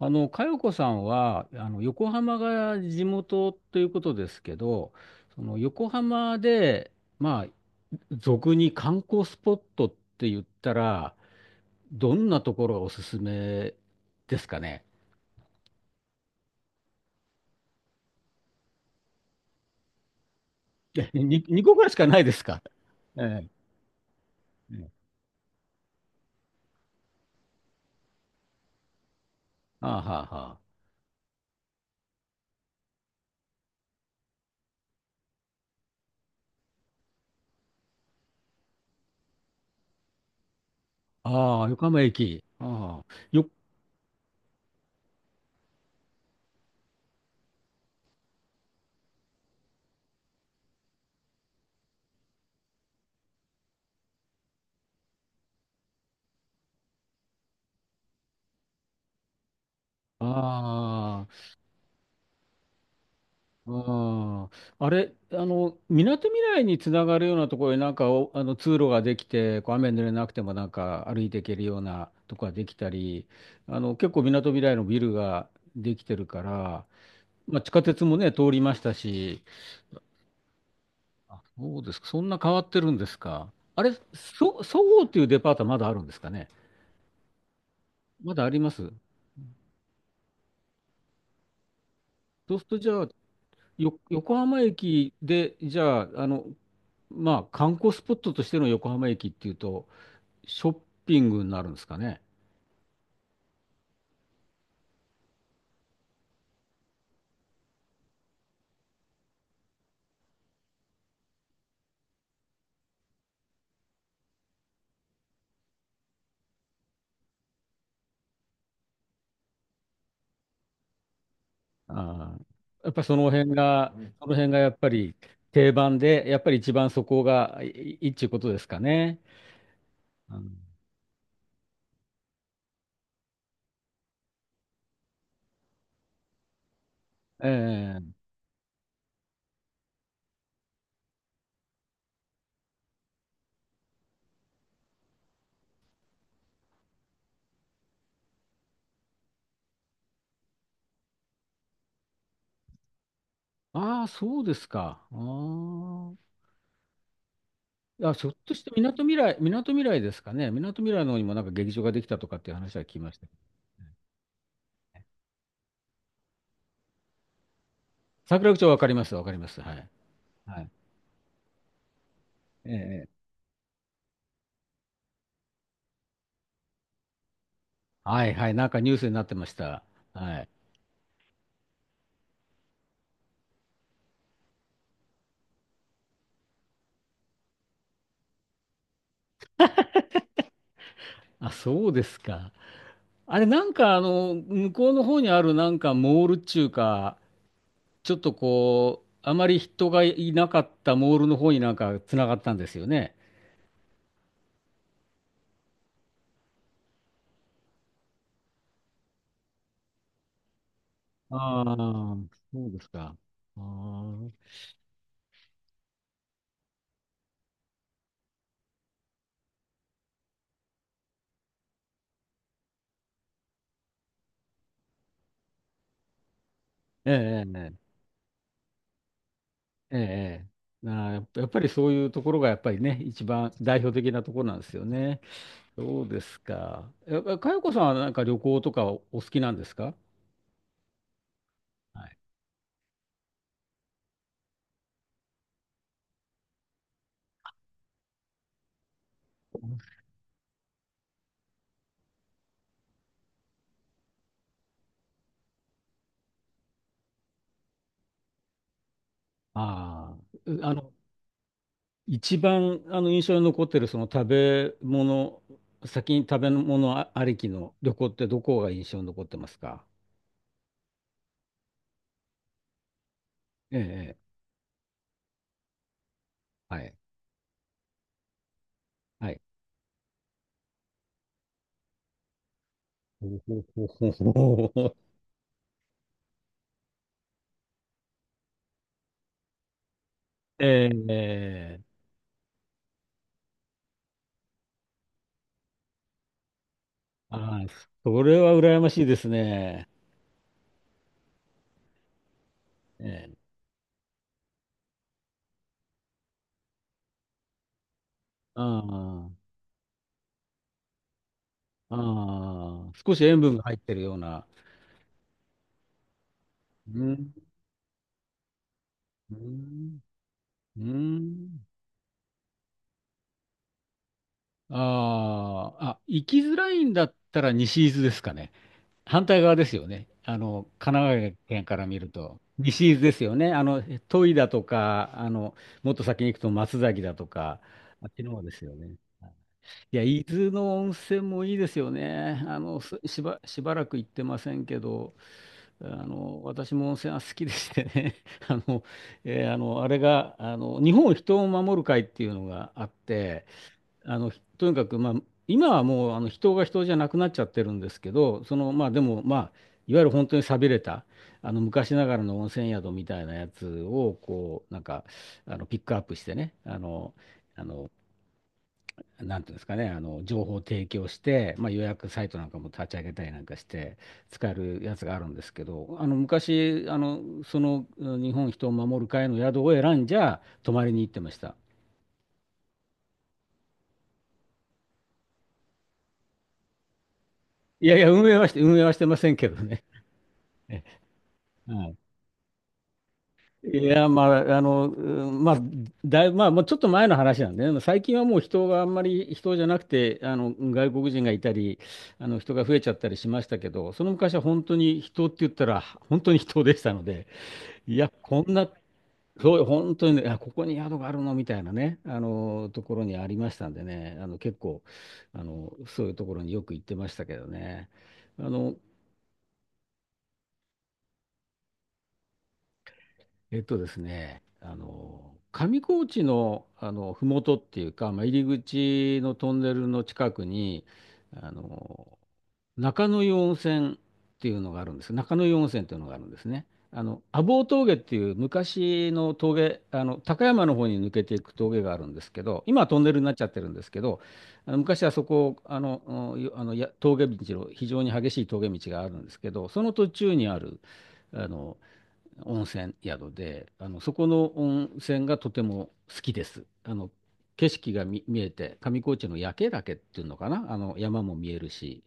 佳代子さんは、横浜が地元ということですけど、その横浜で、まあ、俗に観光スポットって言ったら、どんなところがおすすめですかね。2個ぐらいしかないですか。ええ。ええ、ああ、はあ、はあ。ああ、横浜駅。ああ、よ、ああああ、あれ、みなとみらいにつながるようなところになんかあの通路ができて、こう雨濡れなくてもなんか歩いていけるようなとこができたり、結構みなとみらいのビルができてるから、まあ、地下鉄もね、通りましたし、あ、そうですか、そんな変わってるんですか。あれ、そごうっていうデパートはまだあるんですかね。まだあります。そうするとじゃあ、横浜駅で、じゃあ、まあ、観光スポットとしての横浜駅っていうと、ショッピングになるんですかね。あーやっぱりその辺が、うんその辺がやっぱり定番で、やっぱり一番そこがいいいいっちゅうことですかね。うん、ええ、ああ、そうですか。あ、ひょっとしてみなとみらいですかね。みなとみらいの方にもなんか劇場ができたとかっていう話は聞きました。桜口町わかります、わかります。はい。はい。ええ、はいはい。なんかニュースになってました。はい。あ、そうですか。あれ、なんか向こうの方にあるなんかモールっちゅうか、ちょっとあまり人がいなかったモールの方になんか繋がったんですよね。ああ、そうですか。ああ、ええ、ええ、ええ。なあ、やっぱりそういうところがやっぱりね、一番代表的なところなんですよね。そうですか。かよこさんはなんか旅行とかお好きなんですか？はい。ああ、一番印象に残ってるその食べ物、先に食べ物ありきの旅行ってどこが印象に残ってますか？ええ、ええ、はい、はい。ほほほほほほ、ええ、ええ、ああ、それは羨ましいですね。ええ、ああ、ああ、少し塩分が入ってるような。うん、うん、うん。ああ、あ、行きづらいんだったら西伊豆ですかね。反対側ですよね。神奈川県から見ると。西伊豆ですよね。戸井だとか、もっと先に行くと松崎だとか、あっちの方ですよね。いや、伊豆の温泉もいいですよね。すしば、しばらく行ってませんけど、私も温泉は好きでしてね。あの、あれが、日本人を守る会っていうのがあって、ひとにかく、まあ、今はもうあの人が人じゃなくなっちゃってるんですけど、その、まあでも、まあ、いわゆる本当に寂れた、あの昔ながらの温泉宿みたいなやつを、なんか、ピックアップしてね、あの、なんていうんですかね、あの情報を提供して、まあ、予約サイトなんかも立ち上げたりなんかして使えるやつがあるんですけど、あの昔、うん、日本人を守る会の宿を選んじゃ泊まりに行ってました。いやいや、運営はしてませんけどね。はい、いや、まあ、うん、まあ、だいぶ、まあ、もうちょっと前の話なんでね、最近はもう人があんまり、人じゃなくて、外国人がいたり、人が増えちゃったりしましたけど、その昔は本当に人って言ったら、本当に人でしたので、いや、こんな、そう、本当にね、あ、ここに宿があるのみたいなね、ところにありましたんでね、結構、そういうところによく行ってましたけどね。あの、ですね、上高地の、ふもとっていうか、まあ、入り口のトンネルの近くに、あの、中野湯温泉っていうのがあるんです。中野湯温泉っていうのがあるんですね。阿房峠っていう昔の峠、高山の方に抜けていく峠があるんですけど、今はトンネルになっちゃってるんですけど、あの昔はそこ、うん、峠道の非常に激しい峠道があるんですけど、その途中にある、あの、温泉宿で、そこの温泉がとても好きです。景色が見えて、上高地の夜景岳っていうのかな、山も見えるし、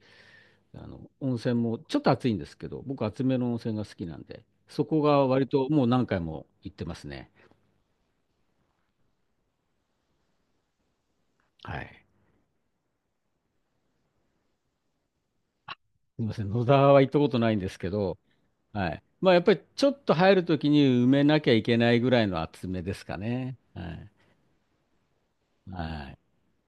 温泉もちょっと暑いんですけど、僕、熱めの温泉が好きなんで、そこが割ともう何回も行ってますね。はい。すみません、野沢は行ったことないんですけど、はい。まあ、やっぱりちょっと入るときに埋めなきゃいけないぐらいの厚めですかね。はい。はい。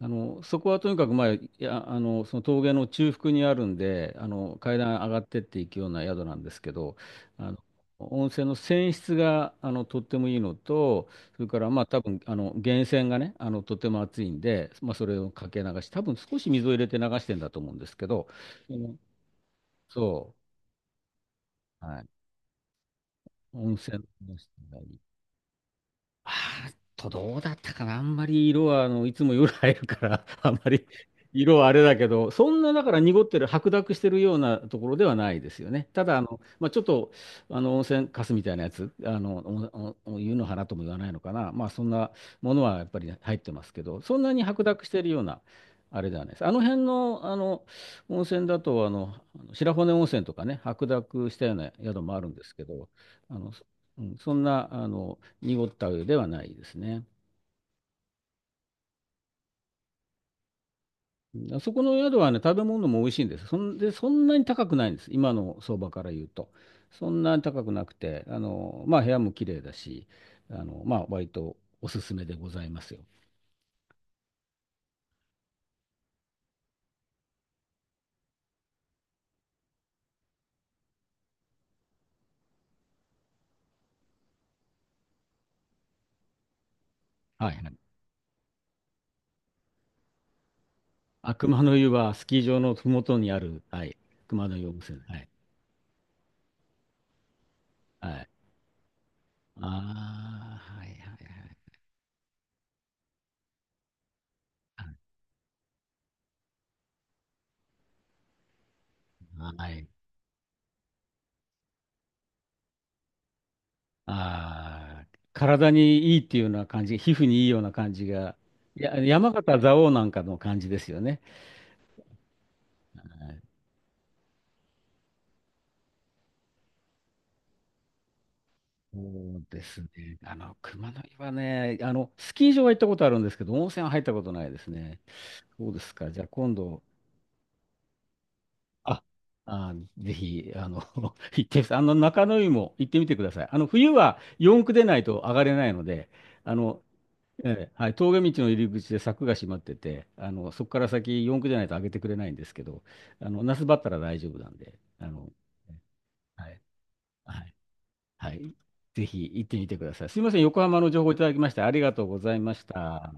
そこはとにかく、まあ、いや、その峠の中腹にあるんで、階段上がってっていくような宿なんですけど、あの、温泉の泉質が、とってもいいのと、それから、まあ、多分、源泉がね、とても熱いんで、まあ、それをかけ流し、多分少し水を入れて流してんだと思うんですけど、うん、そう、はい。温泉の質がいい、あーっと、どうだったかな。あんまり色は、いつも夜入るから、あんまり色はあれだけど、そんな、だから濁ってる、白濁してるようなところではないですよね。ただ、まあ、ちょっと、温泉カスみたいなやつ、お湯の花とも言わないのかな。まあ、そんなものはやっぱり入ってますけど、そんなに白濁してるような、あれではないです。あの辺の、温泉だと、あの白骨温泉とかね、白濁したような宿もあるんですけど、あの、うん、そんな、濁った湯ではないですね。あそこの宿はね、食べ物も美味しいんです。そんで、そんなに高くないんです。今の相場から言うと。そんなに高くなくて、まあ、部屋も綺麗だし、まあ、割とおすすめでございますよ。はいはい。あ、熊の湯はスキー場のふもとにある、はい、熊の湯温泉。はい。はい。ああ、はいはい。はい。ああ、体にいいっていうような感じ、皮膚にいいような感じが、いや、山形蔵王なんかの感じですよね。そうですね。熊野湯はね、スキー場は行ったことあるんですけど、温泉は入ったことないですね。そうですか。じゃあ今度、あ、あ、ぜひ、行ってみて、中野湯も行ってみてください。冬は四駆でないと上がれないので、あの、ええ、はい、峠道の入り口で柵が閉まってて、そこから先四駆でないと上げてくれないんですけど、那須だったら大丈夫なんで、はい。はいはい。ぜひ行ってみてください。すみません。横浜の情報いただきましてありがとうございました。